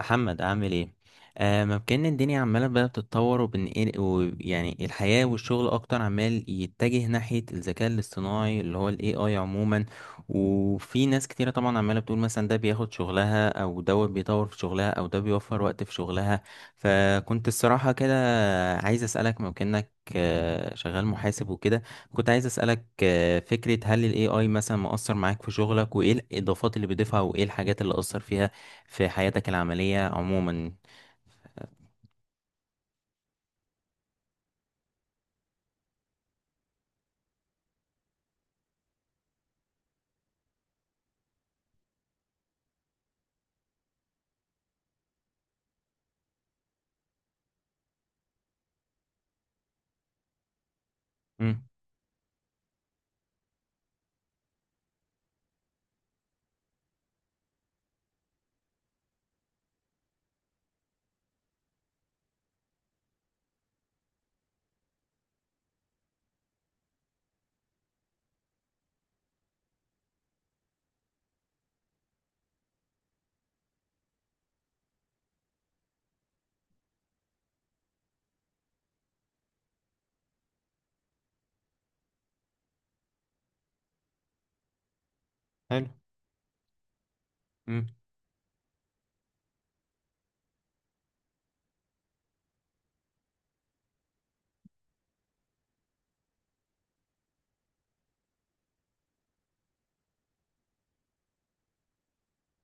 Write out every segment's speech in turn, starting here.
محمد عامل ايه؟ ممكن الدنيا عماله بقى بتتطور وبنقل، ويعني الحياه والشغل اكتر عمال يتجه ناحيه الذكاء الاصطناعي اللي هو الاي اي، عموما. وفي ناس كتيره طبعا عماله بتقول مثلا ده بياخد شغلها، او دوت بيطور في شغلها، او ده بيوفر وقت في شغلها. فكنت الصراحه كده عايز اسالك، ممكنك، شغال محاسب وكده. كنت عايز اسالك فكره هل الاي اي مثلا مؤثر معاك في شغلك، وايه الاضافات اللي بيضيفها، وايه الحاجات اللي اثر فيها في حياتك العملية عموما؟ مم. حلو. مم.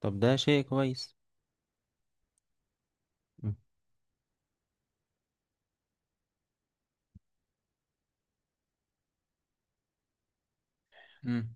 طب ده شيء كويس. مم. مم.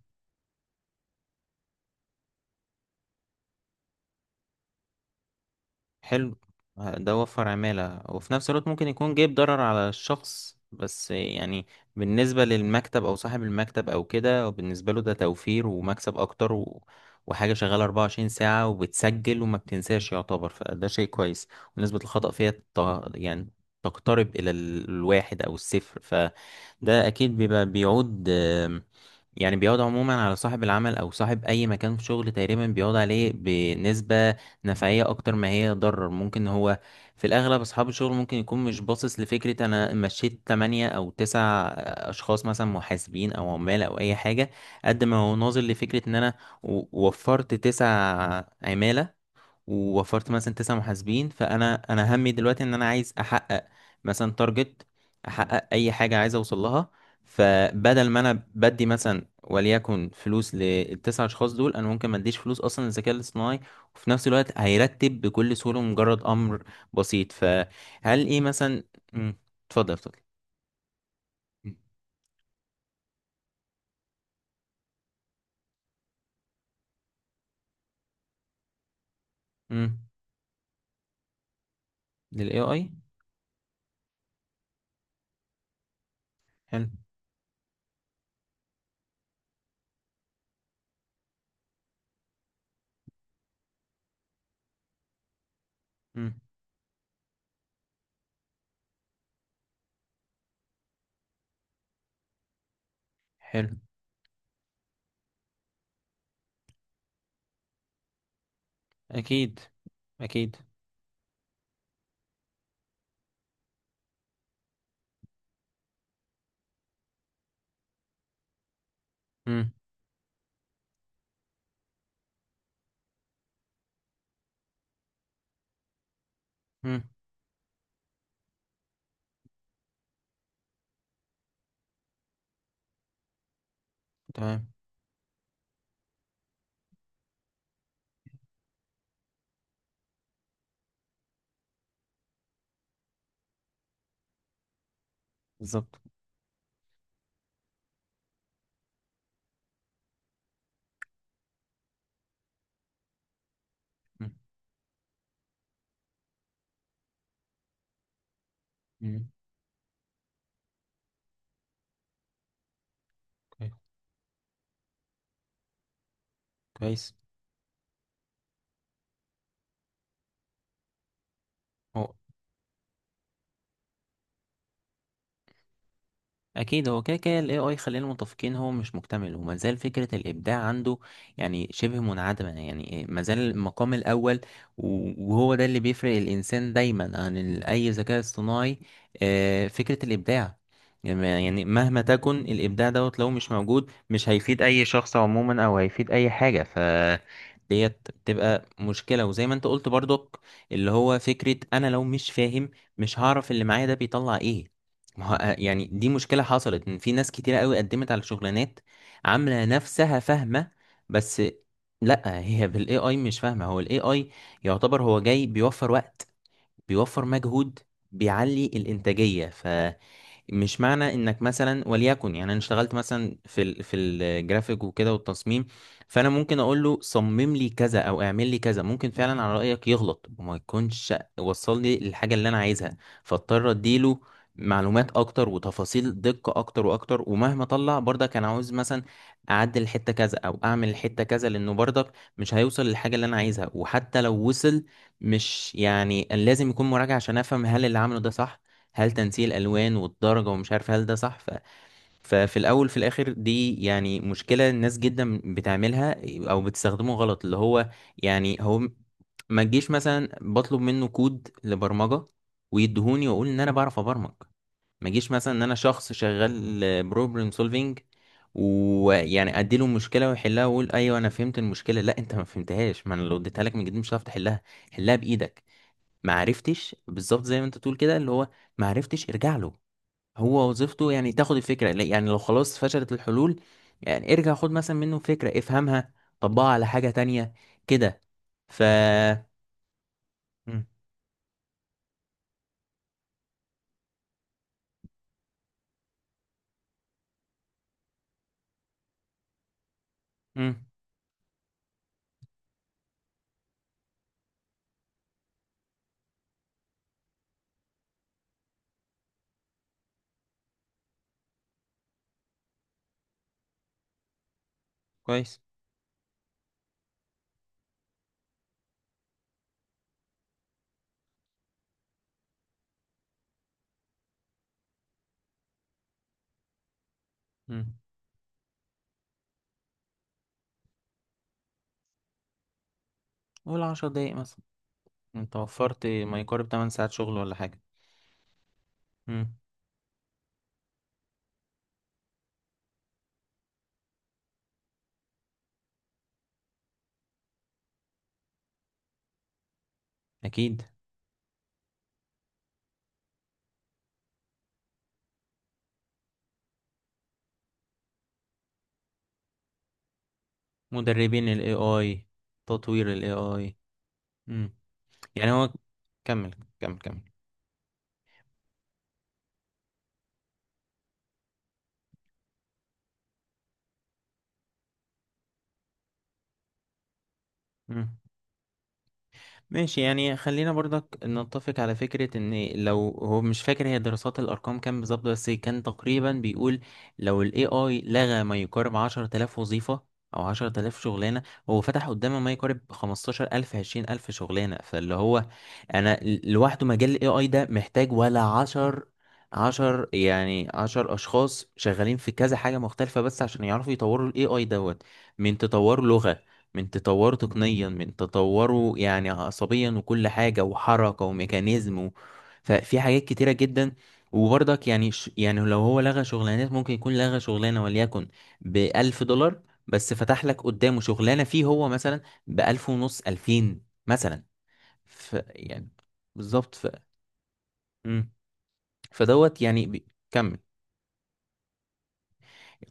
حلو. ده وفر عمالة، وفي نفس الوقت ممكن يكون جايب ضرر على الشخص، بس يعني. بالنسبة للمكتب أو صاحب المكتب أو كده، بالنسبة له ده توفير ومكسب أكتر، وحاجة شغالة 24 ساعة وبتسجل وما بتنساش يعتبر، فده شيء كويس. ونسبة الخطأ فيها يعني تقترب إلى الواحد أو الصفر، فده أكيد بيبقى بيعود يعني بيعود عموما على صاحب العمل أو صاحب أي مكان في شغل، تقريبا بيعود عليه بنسبة نفعية أكتر ما هي ضرر. ممكن هو في الأغلب أصحاب الشغل ممكن يكون مش باصص لفكرة أنا مشيت 8 أو 9 أشخاص مثلا، محاسبين أو عمال أو أي حاجة، قد ما هو ناظر لفكرة إن أنا وفرت 9 عمالة، ووفرت مثلا 9 محاسبين. فانا همي دلوقتي ان انا عايز احقق مثلا تارجت، احقق اي حاجه عايز اوصل لها. فبدل ما انا بدي مثلا وليكن فلوس للتسع اشخاص دول، انا ممكن ما اديش فلوس اصلا للذكاء الاصطناعي، وفي نفس الوقت هيرتب بكل سهوله مجرد امر بسيط. فهل ايه مثلا. مم، اتفضل اتفضل. امم. للاي اي. حلو. امم. حلو. اكيد اكيد. امم. امم. تمام. بالظبط. امم. كويس. هو. اكيد هو كده كده الاي اي، خلينا متفقين هو مش مكتمل، وما زال فكره الابداع عنده يعني شبه منعدمه، يعني ما زال المقام الاول وهو ده اللي بيفرق الانسان دايما عن ال- اي ذكاء اصطناعي. فكره الابداع يعني مهما تكن، الابداع دوت لو مش موجود مش هيفيد اي شخص عموما، او هيفيد اي حاجه. ف ديت تبقى مشكلة، وزي ما انت قلت برضك اللي هو فكرة انا لو مش فاهم مش هعرف اللي معايا ده بيطلع ايه. ما هو يعني دي مشكلة حصلت، ان في ناس كتيرة قوي قدمت على شغلانات عاملة نفسها فاهمة، بس لا، هي بالاي اي مش فاهمة. هو الاي اي يعتبر هو جاي بيوفر وقت، بيوفر مجهود، بيعلي الانتاجية. مش معنى انك مثلا وليكن، يعني انا اشتغلت مثلا في الجرافيك وكده والتصميم، فانا ممكن اقول له صمم لي كذا او اعمل لي كذا، ممكن فعلا على رايك يغلط وما يكونش وصل لي الحاجه اللي انا عايزها، فاضطر اديله معلومات اكتر وتفاصيل دقه اكتر واكتر. ومهما طلع برضك كان عاوز مثلا اعدل حته كذا او اعمل الحته كذا، لانه برضك مش هيوصل للحاجه اللي انا عايزها. وحتى لو وصل مش يعني، لازم يكون مراجعه عشان افهم هل اللي عمله ده صح، هل تنسيق الالوان والدرجه ومش عارف هل ده صح. ففي الاول في الاخر دي يعني مشكله الناس جدا بتعملها، او بتستخدمه غلط. اللي هو يعني هو ما تجيش مثلا بطلب منه كود لبرمجه ويدهوني، واقول ان انا بعرف ابرمج. ما جيش مثلا ان انا شخص شغال بروبلم سولفينج ويعني اديله مشكله ويحلها واقول ايوه انا فهمت المشكله. لا، انت ما فهمتهاش، ما انا لو اديتها لك من جديد مش هتعرف تحلها. حلها بايدك. ما عرفتش بالظبط زي ما انت تقول كده اللي هو ما عرفتش ارجع له. هو وظيفته يعني تاخد الفكرة، يعني لو خلاص فشلت الحلول يعني ارجع خد مثلا منه فكرة افهمها، طبقها على حاجة تانية كده. ف مم. مم. كويس. مم. قول 10 دقايق مثلا. انت وفرت ما يقارب 8 ساعات شغل ولا حاجة. مم. اكيد. مدربين ال AI، تطوير ال AI. مم. يعني هو. كمل كمل كمل. مم. ماشي يعني خلينا برضك نتفق على فكرة ان لو، هو مش فاكر هي دراسات الارقام كام بالظبط، بس كان تقريبا بيقول لو ال AI لغى ما يقارب 10,000 وظيفة او 10,000 شغلانة، هو فتح قدامه ما يقارب 15,000 20,000 شغلانة. فاللي هو انا لوحده مجال ال AI ده محتاج ولا 10، 10، يعني 10 اشخاص شغالين في كذا حاجة مختلفة بس عشان يعرفوا يطوروا ال AI دوت، من تطور لغة، من تطوره تقنيا، من تطوره يعني عصبيا وكل حاجة وحركة وميكانيزم ففي حاجات كتيرة جدا. وبرضك يعني يعني لو هو لغى شغلانات ممكن يكون لغى شغلانة وليكن ب1000 دولار، بس فتح لك قدامه شغلانة فيه هو مثلا ب1500، 2000 مثلا. يعني بالظبط. مم. فدوت يعني كمل.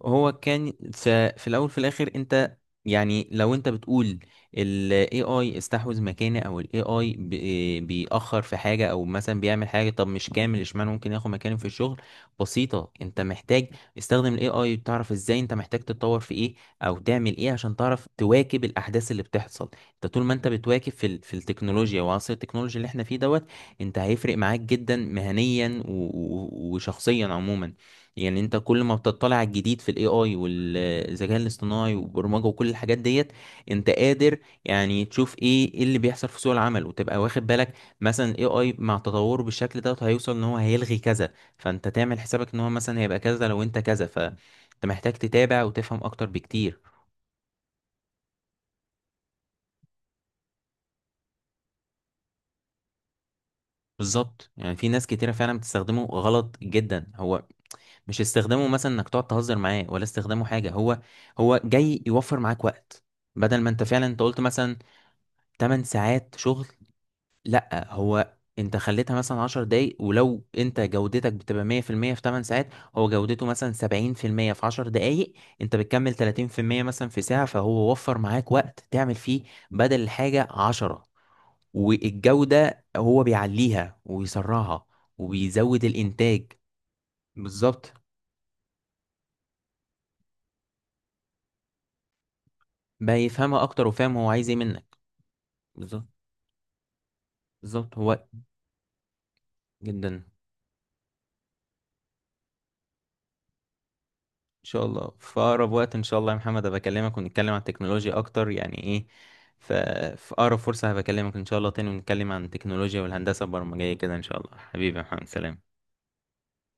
هو كان في الاول في الاخر انت، يعني لو انت بتقول ال AI استحوذ مكاني، او ال AI بيأخر في حاجة، او مثلا بيعمل حاجة طب مش كامل اشمعنى ممكن ياخد مكاني في الشغل. بسيطة، انت محتاج استخدم ال AI، تعرف ازاي انت محتاج تتطور في ايه او تعمل ايه عشان تعرف تواكب الاحداث اللي بتحصل. انت طول ما انت بتواكب في التكنولوجيا وعصر التكنولوجيا اللي احنا فيه دوت، انت هيفرق معاك جدا مهنيا وشخصيا عموما. يعني انت كل ما بتطلع على الجديد في الاي اي والذكاء الاصطناعي والبرمجه وكل الحاجات ديت، انت قادر يعني تشوف ايه اللي بيحصل في سوق العمل وتبقى واخد بالك مثلا الاي اي مع تطوره بالشكل دوت هيوصل ان هو هيلغي كذا، فانت تعمل حسابك ان هو مثلا هيبقى كذا لو انت كذا. فانت محتاج تتابع وتفهم اكتر بكتير. بالظبط يعني في ناس كتيرة فعلا بتستخدمه غلط جدا، هو مش استخدامه مثلا انك تقعد تهزر معاه، ولا استخدامه حاجة، هو جاي يوفر معاك وقت. بدل ما انت فعلا انت قلت مثلا 8 ساعات شغل، لا، هو انت خليتها مثلا 10 دقايق. ولو انت جودتك بتبقى 100% في 8 ساعات، هو جودته مثلا 70% في 10 دقايق، انت بتكمل 30% مثلا في ساعة، فهو وفر معاك وقت تعمل فيه بدل الحاجة 10، والجودة هو بيعليها ويسرعها، وبيزود الانتاج. بالظبط. بقى يفهمها اكتر وفاهم هو عايز ايه منك. بالظبط. بالظبط. هو. جدا. ان شاء الله في اقرب وقت ان شاء الله يا محمد بكلمك ونتكلم عن التكنولوجيا اكتر يعني ايه. ف- في اقرب فرصة هبكلمك ان شاء الله تاني ونتكلم عن التكنولوجيا والهندسة البرمجية كده. ان شاء الله حبيبي يا محمد، سلام.